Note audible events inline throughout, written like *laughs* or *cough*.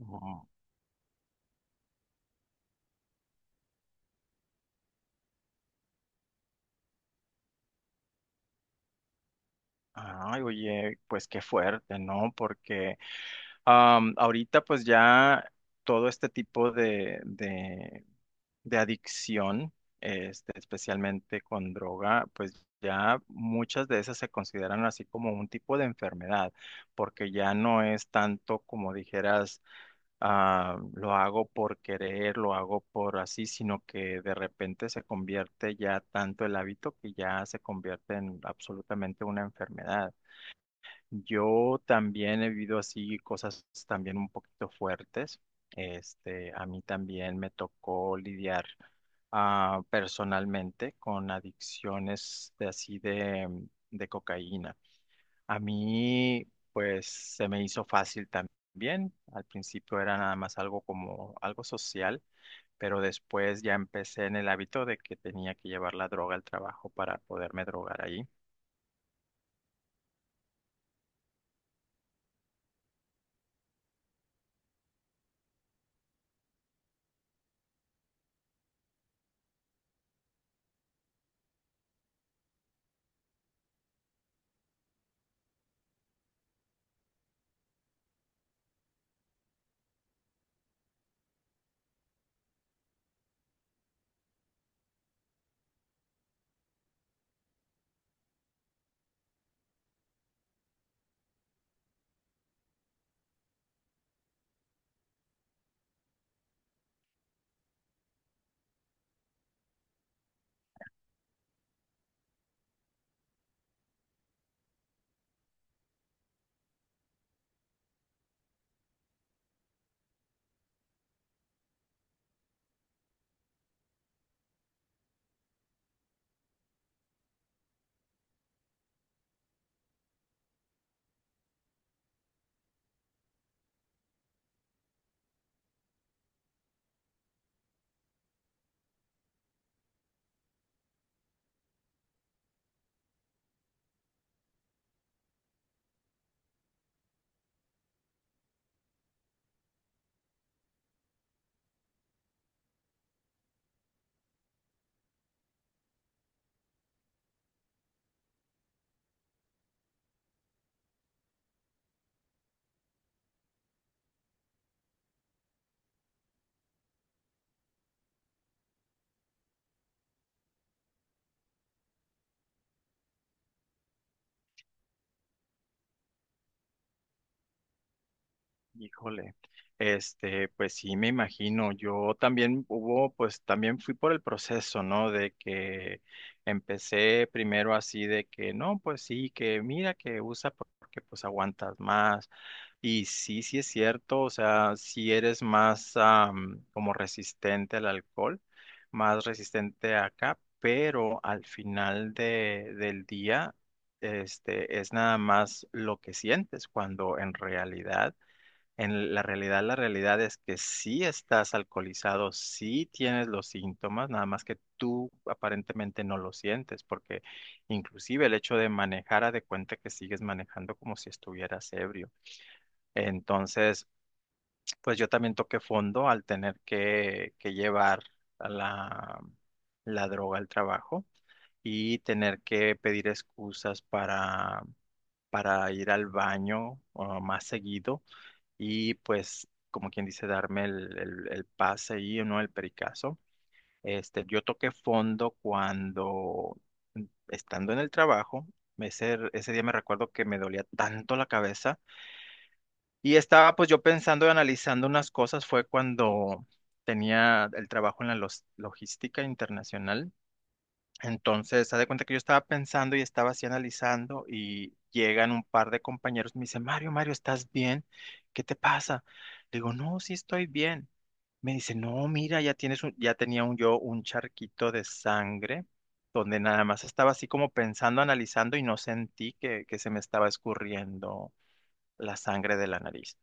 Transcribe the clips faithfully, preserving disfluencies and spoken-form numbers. Oh. Ay, oye, pues qué fuerte, ¿no? Porque... Am, ahorita pues ya todo este tipo de, de, de adicción, este, especialmente con droga, pues ya muchas de esas se consideran así como un tipo de enfermedad, porque ya no es tanto como dijeras, ah, lo hago por querer, lo hago por así, sino que de repente se convierte ya tanto el hábito que ya se convierte en absolutamente una enfermedad. Yo también he vivido así cosas también un poquito fuertes. Este, a mí también me tocó lidiar ah, personalmente con adicciones de así de, de cocaína. A mí, pues, se me hizo fácil también. Al principio era nada más algo como algo social, pero después ya empecé en el hábito de que tenía que llevar la droga al trabajo para poderme drogar ahí. Híjole, este, pues sí, me imagino. Yo también hubo, pues también fui por el proceso, ¿no? De que empecé primero así de que, no, pues sí, que mira que usa porque pues aguantas más. Y sí, sí es cierto, o sea, si eres más am, como resistente al alcohol, más resistente acá, pero al final de, del día, este, es nada más lo que sientes cuando en realidad en la realidad, la realidad es que sí estás alcoholizado, sí tienes los síntomas, nada más que tú aparentemente no lo sientes, porque inclusive el hecho de manejar, a de cuenta que sigues manejando como si estuvieras ebrio. Entonces, pues yo también toqué fondo al tener que, que llevar a la, la droga al trabajo y tener que pedir excusas para, para ir al baño uh, más seguido y pues, como quien dice, darme el, el, el pase y ¿no? El pericazo. Este, yo toqué fondo cuando, mm, estando en el trabajo, ese, ese día me recuerdo que me dolía tanto la cabeza y estaba pues yo pensando y analizando unas cosas, fue cuando tenía el trabajo en la los- logística internacional. Entonces, haz de cuenta que yo estaba pensando y estaba así analizando y llegan un par de compañeros y me dicen, Mario, Mario, ¿estás bien? ¿Qué te pasa? Le digo, no, sí estoy bien. Me dice, no, mira, ya tienes un, ya tenía un yo un charquito de sangre donde nada más estaba así como pensando, analizando y no sentí que, que se me estaba escurriendo la sangre de la nariz.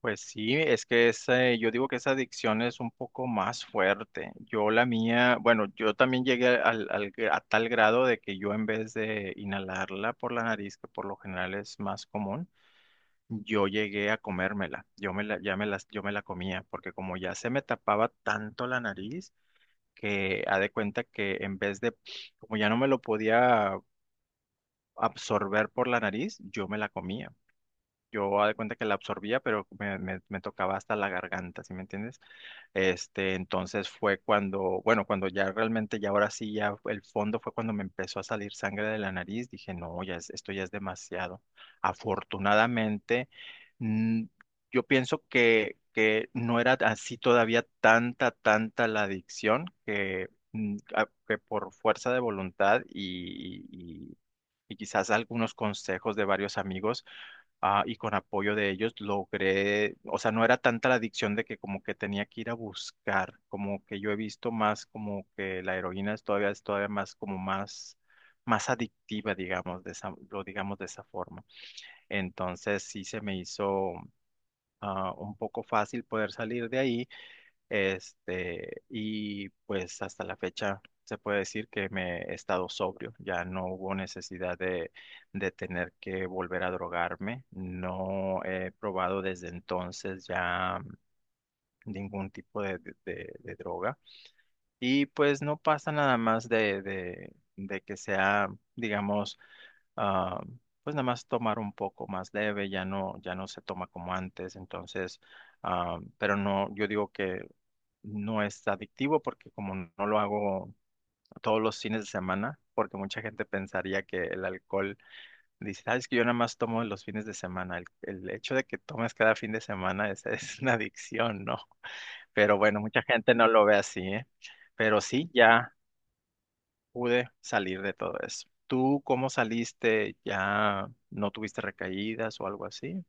Pues sí, es que esa, yo digo que esa adicción es un poco más fuerte. Yo la mía, bueno, yo también llegué al, al- a tal grado de que yo en vez de inhalarla por la nariz, que por lo general es más común, yo llegué a comérmela. Yo me la, ya me las, yo me la comía, porque como ya se me tapaba tanto la nariz, que ha de cuenta que en vez de, como ya no me lo podía absorber por la nariz, yo me la comía. Yo ha de cuenta que la absorbía, pero me, me, me tocaba hasta la garganta, ¿sí me entiendes? Este, entonces fue cuando, bueno, cuando ya realmente, ya ahora sí, ya el fondo fue cuando me empezó a salir sangre de la nariz. Dije, no, ya es- esto ya es demasiado. Afortunadamente, mm, yo pienso que, que no era así todavía tanta, tanta la adicción que, mm, a- que por fuerza de voluntad y, y y- y quizás algunos consejos de varios amigos ah, y con apoyo de ellos logré, o sea, no era tanta la adicción de que como que tenía que ir a buscar, como que yo he visto más como que la heroína es todavía, es todavía más como más, más adictiva, digamos, de esa, lo digamos de esa forma. Entonces sí se me hizo ah, un poco fácil poder salir de ahí. Este, y pues hasta la fecha se puede decir que me he estado sobrio, ya no hubo necesidad de, de tener que volver a drogarme, no he probado desde entonces ya ningún tipo de, de- de- de droga y pues no pasa nada más de, de, de que sea, digamos, ah, pues nada más tomar un poco más leve, ya no, ya no se toma como antes, entonces... Ah, pero no, yo digo que no es adictivo porque como no lo hago todos los fines de semana, porque mucha gente pensaría que el alcohol dice, ah, es que yo nada más tomo los fines de semana. El, el hecho de que tomes cada fin de semana es, *laughs* es una adicción, ¿no? Pero bueno, mucha gente no lo ve así, ¿eh? Pero sí, ya pude salir de todo eso. ¿Tú cómo saliste? ¿Ya no tuviste recaídas o algo así?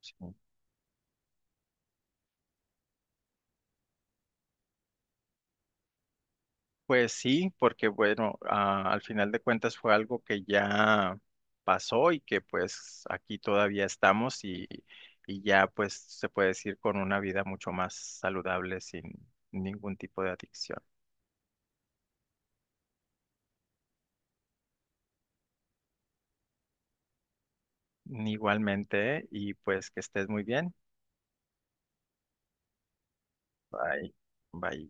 Sí. Pues sí, porque bueno, ah, al final de cuentas fue algo que ya pasó y que pues aquí todavía estamos y, y ya pues se puede decir con una vida mucho más saludable sin ningún tipo de adicción. Igualmente, y pues que estés muy bien. Bye. Bye.